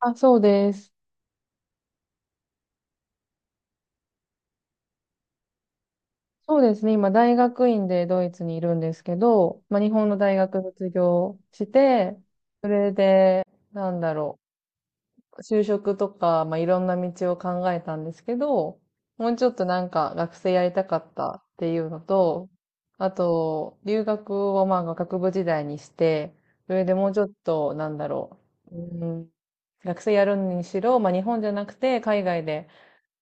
あ、そうです。そうですね。今、大学院でドイツにいるんですけど、まあ、日本の大学卒業して、それで、なんだろう、就職とか、まあ、いろんな道を考えたんですけど、もうちょっとなんか学生やりたかったっていうのと、あと、留学をまあ学部時代にして、それでもうちょっと、なんだろう、うん、学生やるにしろ、まあ、日本じゃなくて海外で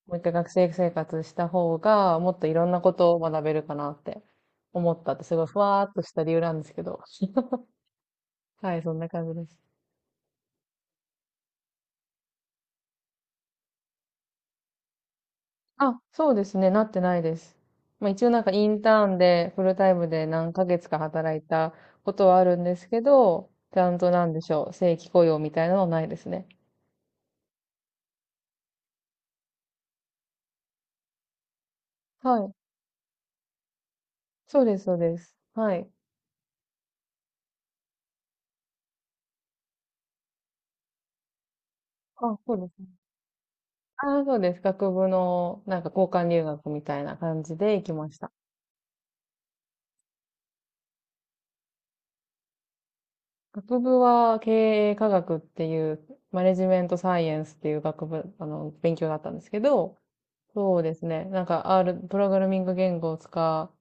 もう一回学生生活した方が、もっといろんなことを学べるかなって思ったって、すごいふわーっとした理由なんですけど。はい、そんな感じです。あ、そうですね、なってないです。まあ一応なんかインターンでフルタイムで何ヶ月か働いたことはあるんですけど、ちゃんとなんでしょう、正規雇用みたいなのはないですね。はい。そうです、そうです。はい。あ、そうですね。あ、そうです。学部のなんか交換留学みたいな感じで行きました。学部は経営科学っていう、マネジメントサイエンスっていう学部、あの、勉強だったんですけど、そうですね。なんか R、プログラミング言語を使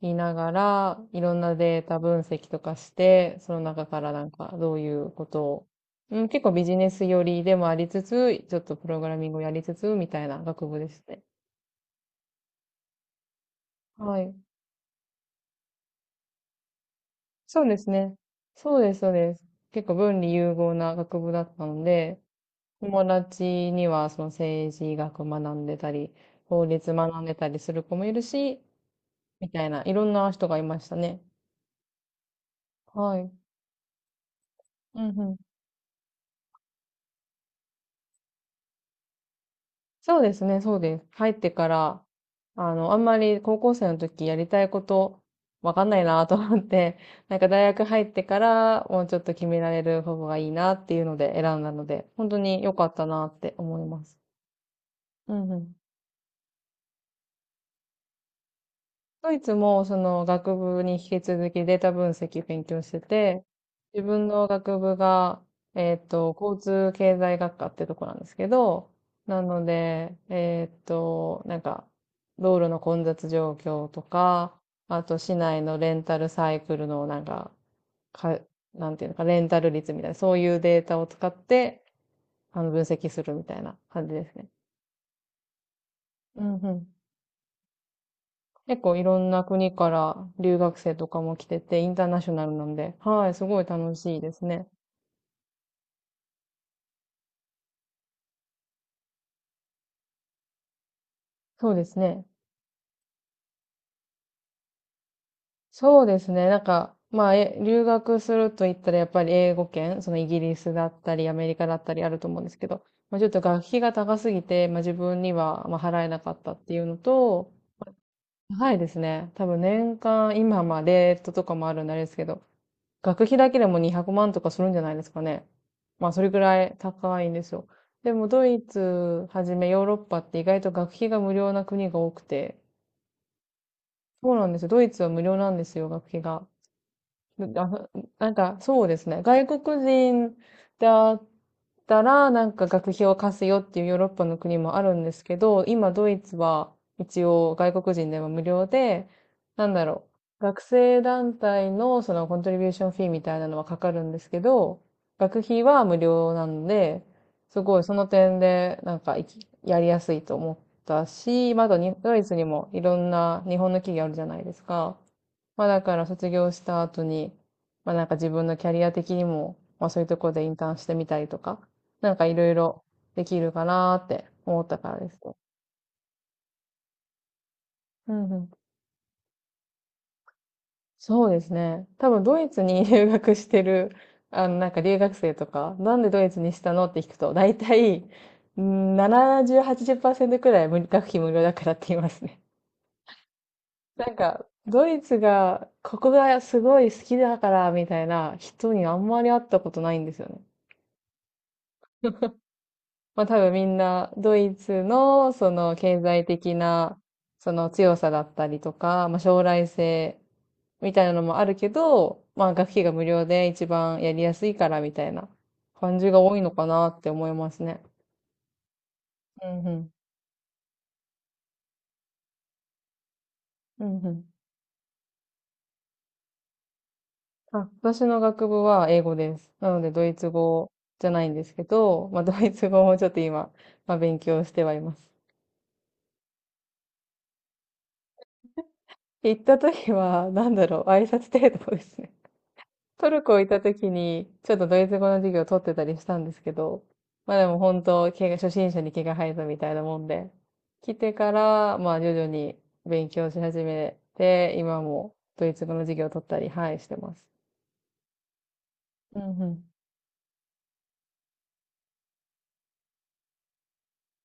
いながら、いろんなデータ分析とかして、その中からなんかどういうことを、うん、結構ビジネス寄りでもありつつ、ちょっとプログラミングをやりつつ、みたいな学部ですね。はい。そうですね。そうです、そうです。結構文理融合な学部だったので、友達にはその政治学学んでたり、法律学んでたりする子もいるし、みたいな、いろんな人がいましたね。はい。うんうん。そうですね、そうです。入ってから、あの、あんまり高校生の時やりたいこと、わかんないなと思って、なんか大学入ってから、もうちょっと決められる方がいいなっていうので選んだので、本当に良かったなって思います。うんうん。ドイツもその学部に引き続きデータ分析勉強してて、自分の学部が、えっと、交通経済学科ってとこなんですけど、なので、えっと、なんか、道路の混雑状況とか、あと市内のレンタルサイクルのなんか、か、なんていうのか、レンタル率みたいな、そういうデータを使って、あの、分析するみたいな感じですね。うんうん。結構いろんな国から留学生とかも来てて、インターナショナルなんで、はい、すごい楽しいですね。そうですね。そうですね。なんか、まあ、え、留学すると言ったらやっぱり英語圏、そのイギリスだったり、アメリカだったりあると思うんですけど、まあ、ちょっと学費が高すぎて、まあ自分にはまあ払えなかったっていうのと、高いですね。多分年間、今まあレートとかもあるんであれですけど、学費だけでも200万とかするんじゃないですかね。まあそれぐらい高いんですよ。でもドイツはじめヨーロッパって意外と学費が無料な国が多くて、そうなんですよ。ドイツは無料なんですよ、学費が。ななんか、そうですね。外国人だったら、なんか学費を貸すよっていうヨーロッパの国もあるんですけど、今ドイツは一応外国人でも無料で、なんだろう。学生団体のそのコントリビューションフィーみたいなのはかかるんですけど、学費は無料なんで、すごいその点でなんかいきやりやすいと思ったし、まだにドイツにもいろんな日本の企業あるじゃないですか。まあだから卒業した後に、まあなんか自分のキャリア的にも、まあそういうところでインターンしてみたりとか、なんかいろいろできるかなーって思ったからですね。うんうん。そうですね。多分ドイツに 留学してる、あのなんか留学生とか、なんでドイツにしたのって聞くと、大体、うん70、80%くらい無学費無料だからって言いますね。なんか、ドイツが、ここがすごい好きだから、みたいな人にあんまり会ったことないんですよね。まあ多分みんなドイツのその経済的なその強さだったりとか、まあ将来性みたいなのもあるけど、まあ学費が無料で一番やりやすいからみたいな感じが多いのかなって思いますね。うんうん。うんうん。あ、私の学部は英語です。なのでドイツ語じゃないんですけど、まあドイツ語もちょっと今、まあ勉強してはいます。行った時は、なんだろう、挨拶程度ですね。トルコ行った時に、ちょっとドイツ語の授業を取ってたりしたんですけど、まあでも本当、初心者に毛が生えたみたいなもんで、来てから、まあ徐々に勉強し始めて、今もドイツ語の授業を取ったり、はい、してます。うんうん。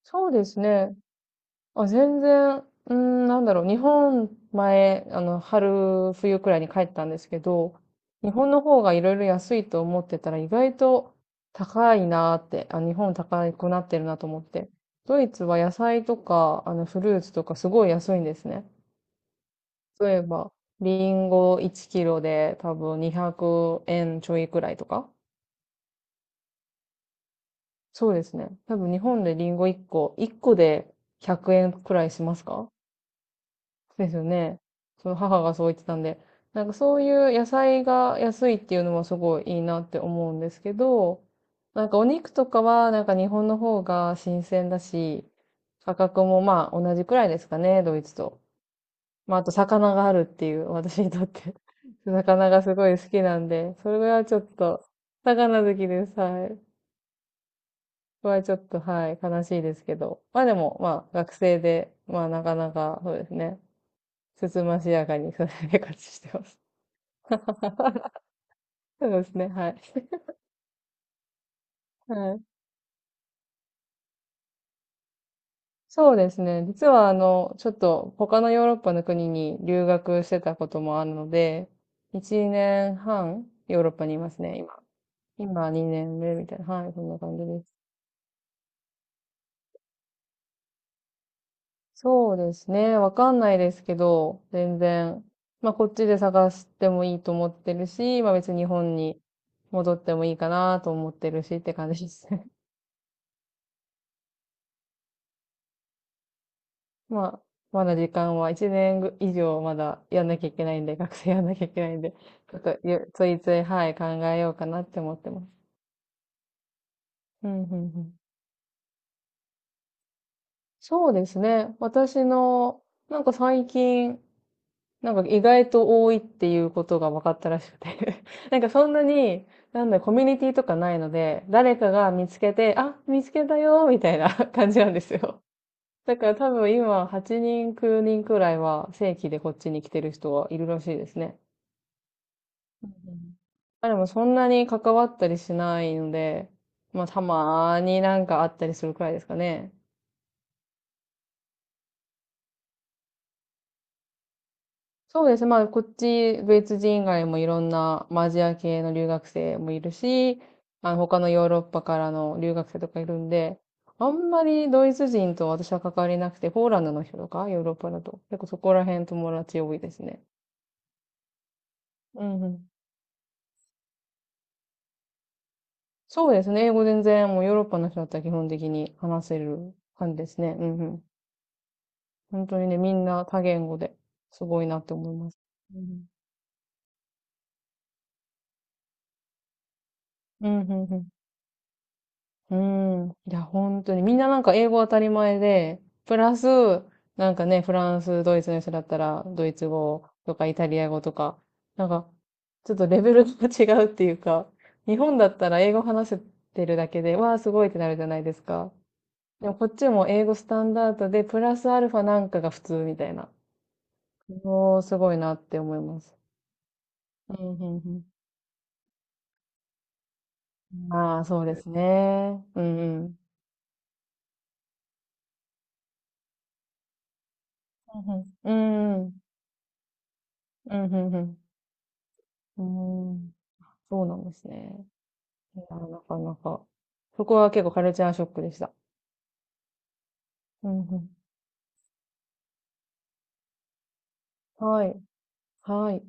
そうですね。あ、全然、うーん、なんだろう、日本前、あの、春、冬くらいに帰ったんですけど、日本の方がいろいろ安いと思ってたら意外と高いなーって、あ、日本高くなってるなと思って。ドイツは野菜とか、あの、フルーツとかすごい安いんですね。例えば、リンゴ1キロで多分200円ちょいくらいとか。そうですね。多分日本でリンゴ1個で100円くえんくらいしますか？そうですよね。その母がそう言ってたんで、なんかそういう野菜が安いっていうのもすごいいいなって思うんですけど、なんかお肉とかはなんか日本の方が新鮮だし、価格もまあ同じくらいですかね、ドイツと。まああと魚があるっていう、私にとって 魚がすごい好きなんで、それはちょっと、魚好きです。はい。これはちょっと、はい、悲しいですけど。まあでも、まあ学生で、まあなかなか、そうですね。つつましやかにそれで生活してます。そうですね、はい。はい。そうですね。実は、あの、ちょっと他のヨーロッパの国に留学してたこともあるので、1年半ヨーロッパにいますね、今。今2年目みたいな。はい、そんな感じです。そうですね。わかんないですけど、全然。まあ、こっちで探してもいいと思ってるし、まあ別に日本に戻ってもいいかなと思ってるしって感じですね。まあ、まだ時間は1年以上まだやんなきゃいけないんで、学生やんなきゃいけないんで、ちょっといつい、はい、考えようかなって思ってます。うん、うん、うん。そうですね。私の、なんか最近、なんか意外と多いっていうことが分かったらしくて なんかそんなに、なんだ、コミュニティとかないので、誰かが見つけて、あ、見つけたよ、みたいな 感じなんですよ。だから多分今、8人、9人くらいは正規でこっちに来てる人はいるらしいですね。うんうん。まあでもそんなに関わったりしないので、まあたまーになんかあったりするくらいですかね。そうですね。まあこっち、ドイツ人以外もいろんなまあアジア系の留学生もいるし、あの他のヨーロッパからの留学生とかいるんで、あんまりドイツ人と私は関わりなくて、ポーランドの人とか、ヨーロッパだと、結構そこら辺友達多いですね。うんうん。そうですね。英語全然もうヨーロッパの人だったら基本的に話せる感じですね。うんうん。ほんとにね、みんな多言語で、すごいなって思います。うん。うん、うんうん。うん。いや、ほんとに、みんななんか英語当たり前で、プラス、なんかね、フランス、ドイツの人だったら、ドイツ語とかイタリア語とか、なんか、ちょっとレベルが違うっていうか、日本だったら英語話せてるだけで、わあ、すごいってなるじゃないですか。でもこっちも英語スタンダードで、プラスアルファなんかが普通みたいな。もうすごいなって思います。うん、うんうん。まあ、そうですね。うんうん。うんうん。うんうんうん。うんうん。そうなんですね。いや、なかなか。そこは結構カルチャーショックでした。うんうん。はい。はい。